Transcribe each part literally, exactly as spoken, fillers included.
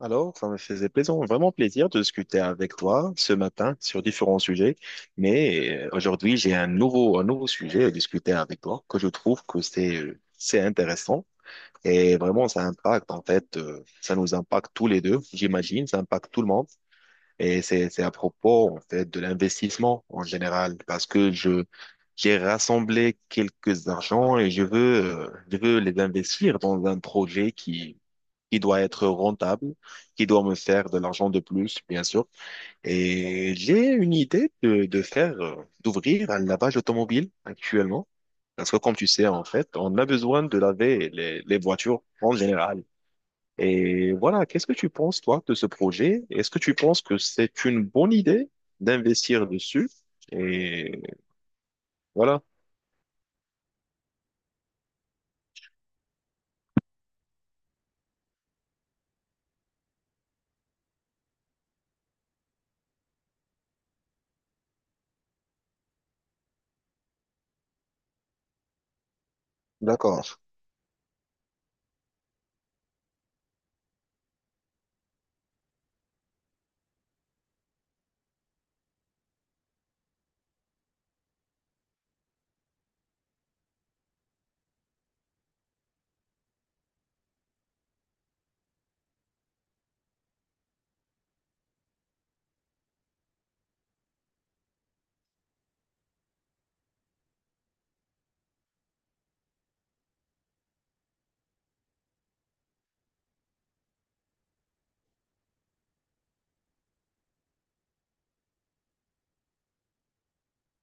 Alors, ça me faisait plaisir, vraiment plaisir de discuter avec toi ce matin sur différents sujets. Mais euh, aujourd'hui, j'ai un nouveau, un nouveau sujet à discuter avec toi que je trouve que c'est, euh, c'est intéressant et vraiment ça impacte, en fait, euh, ça nous impacte tous les deux, j'imagine, ça impacte tout le monde. Et c'est, c'est à propos, en fait, de l'investissement en général parce que je, j'ai rassemblé quelques argents et je veux, euh, je veux les investir dans un projet qui qui doit être rentable, qui doit me faire de l'argent de plus, bien sûr. Et j'ai une idée de, de faire, euh, d'ouvrir un lavage automobile actuellement. Parce que comme tu sais, en fait, on a besoin de laver les, les voitures en général. Et voilà, qu'est-ce que tu penses, toi, de ce projet? Est-ce que tu penses que c'est une bonne idée d'investir dessus? Et voilà. D'accord,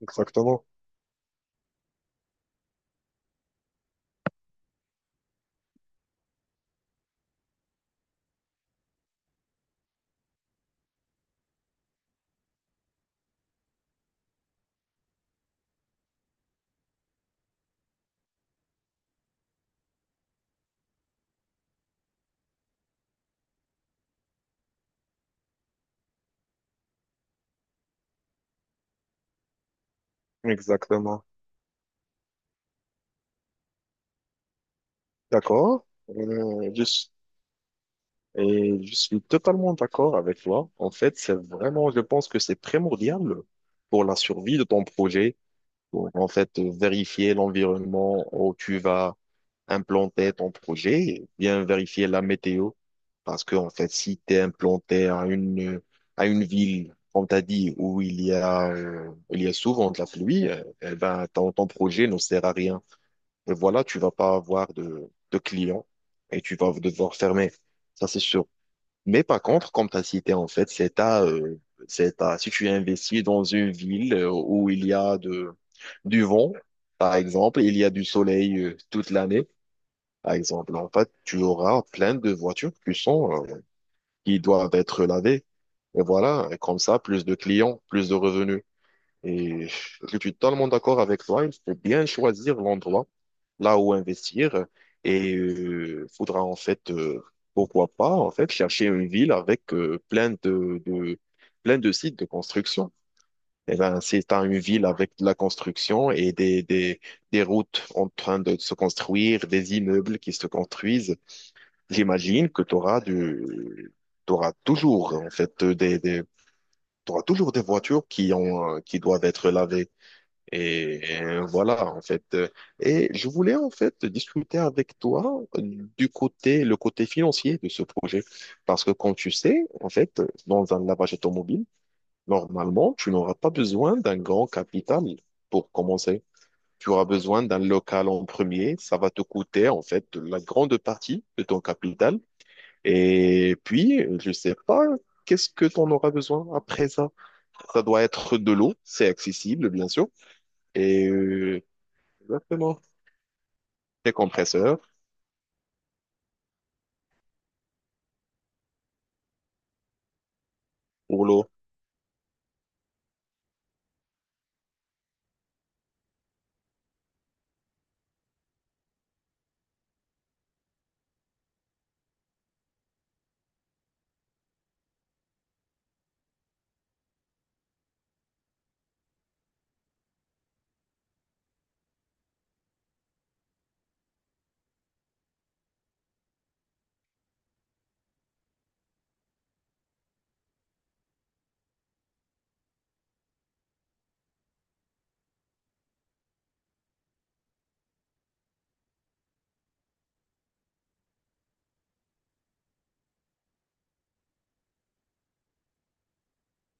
exactement, exactement. D'accord. Euh, je- Et je suis totalement d'accord avec toi. En fait, c'est vraiment, je pense que c'est primordial pour la survie de ton projet, pour en fait vérifier l'environnement où tu vas implanter ton projet, et bien vérifier la météo. Parce que, en fait, si tu es implanté à une, à une ville, comme t'as dit, où il y a, euh, il y a souvent de la pluie, euh, eh ben, ton, ton projet ne sert à rien. Et voilà, tu vas pas avoir de, de clients et tu vas devoir fermer. Ça, c'est sûr. Mais par contre, comme tu as cité, en fait, c'est à, euh, c'est à, si tu investis dans une ville euh, où il y a de, du vent, par exemple, il y a du soleil euh, toute l'année, par exemple, en fait, tu auras plein de voitures qui sont, euh, qui doivent être lavées. Et voilà, et comme ça, plus de clients, plus de revenus. Et je suis totalement d'accord avec toi, il faut bien choisir l'endroit là où investir. Et il faudra en fait, euh, pourquoi pas, en fait, chercher une ville avec euh, plein de, de, plein de sites de construction. Et ben, si tu une ville avec de la construction et des, des, des routes en train de se construire, des immeubles qui se construisent, j'imagine que tu auras du, t'auras toujours, en fait, des, des, t'auras toujours des voitures qui ont, euh, qui doivent être lavées. Et euh, voilà, en fait. Euh, Et je voulais en fait discuter avec toi euh, du côté, le côté financier de ce projet. Parce que comme tu sais, en fait, dans un lavage automobile, normalement, tu n'auras pas besoin d'un grand capital pour commencer. Tu auras besoin d'un local en premier. Ça va te coûter, en fait, la grande partie de ton capital. Et puis, je sais pas, qu'est-ce que tu en auras besoin après ça? Ça doit être de l'eau. C'est accessible, bien sûr. Et euh, Exactement. Des compresseurs pour l'eau.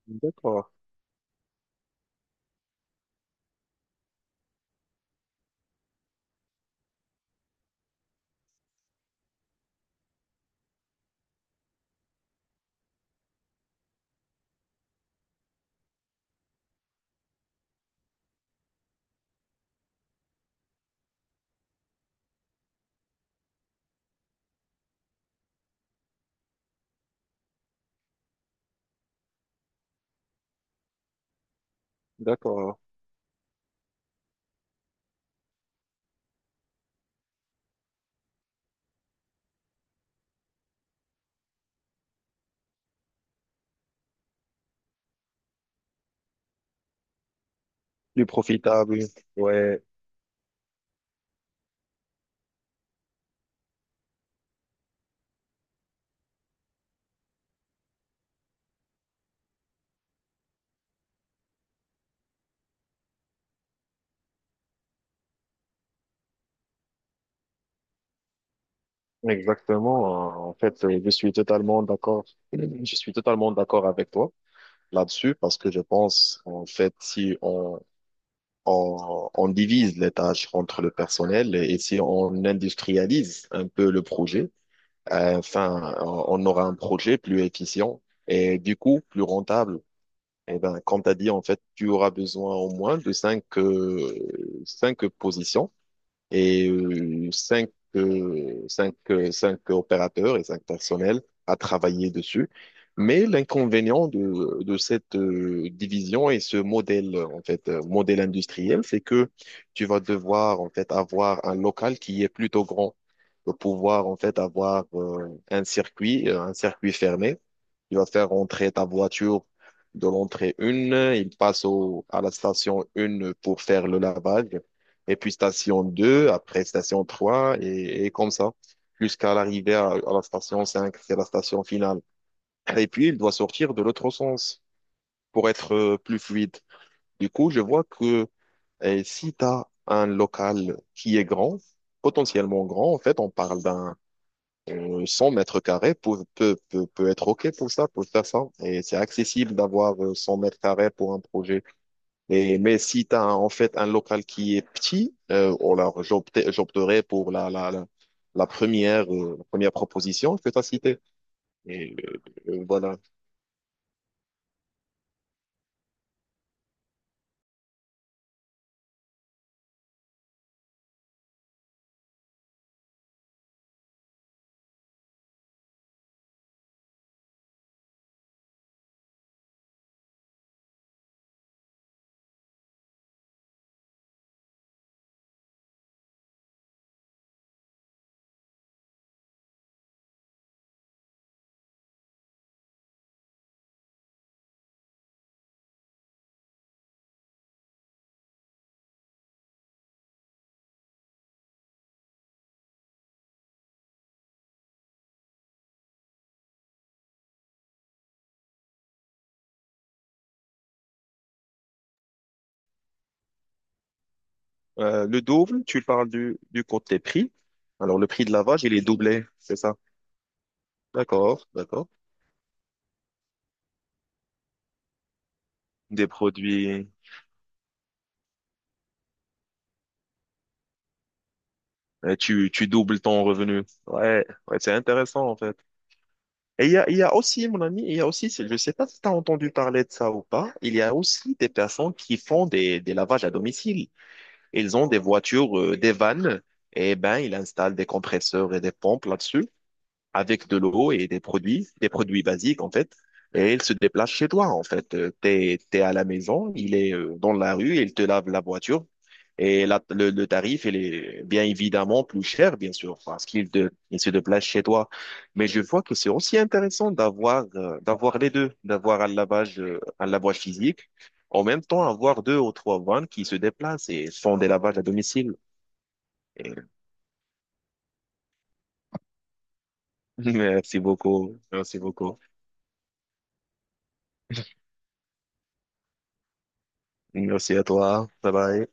D'accord, d'accord. Plus profitable. Ouais, exactement. En fait, je suis totalement d'accord. Je suis totalement d'accord avec toi là-dessus parce que je pense, en fait, si on, on, on divise les tâches entre le personnel et si on industrialise un peu le projet, euh, enfin, on aura un projet plus efficient et du coup plus rentable. Eh ben, comme tu as dit, en fait, tu auras besoin au moins de cinq, euh, cinq positions et euh, cinq, euh, cinq, euh, cinq opérateurs et cinq personnels à travailler dessus. Mais l'inconvénient de, de cette euh, division et ce modèle, en fait, euh, modèle industriel, c'est que tu vas devoir, en fait, avoir un local qui est plutôt grand pour pouvoir, en fait, avoir euh, un circuit, euh, un circuit fermé il va faire rentrer ta voiture de l'entrée un, il passe au, à la station un pour faire le lavage, et puis station deux, après station trois et, et comme ça, jusqu'à l'arrivée à, à la station cinq c'est la station finale. Et puis, il doit sortir de l'autre sens pour être euh, plus fluide. Du coup, je vois que euh, si tu as un local qui est grand, potentiellement grand, en fait, on parle d'un euh, cent mètres carrés peut, peut, peut, peut être OK pour ça, pour faire ça. Et c'est accessible d'avoir euh, cent mètres carrés pour un projet. Et, mais si tu as en fait un local qui est petit, euh, ou alors j'opte- j'opterais pour la, la, la, la première, euh, la première proposition que tu as citée. Et euh, euh, voilà. Euh, le double, tu parles du, du côté prix. Alors le prix de lavage, il est doublé, c'est ça? D'accord, d'accord. Des produits, euh, tu, tu doubles ton revenu. Ouais, ouais, c'est intéressant en fait. Et il y a, il y a aussi, mon ami, il y a aussi, je ne sais pas si tu as entendu parler de ça ou pas, il y a aussi des personnes qui font des, des lavages à domicile. Ils ont des voitures, euh, des vannes, et ben, ils installent des compresseurs et des pompes là-dessus avec de l'eau et des produits, des produits basiques en fait, et il se déplace chez toi en fait. Euh, T'es, t'es à la maison, il est euh, dans la rue, il te lave la voiture et la- le, le tarif il est bien évidemment plus cher bien sûr parce qu'il te- il se déplace chez toi. Mais je vois que c'est aussi intéressant d'avoir euh, d'avoir les deux, d'avoir un lavage euh, un lavage physique. En même temps, avoir deux ou trois vannes qui se déplacent et font des lavages à domicile. Et- Merci beaucoup. Merci beaucoup. Merci à toi. Bye bye.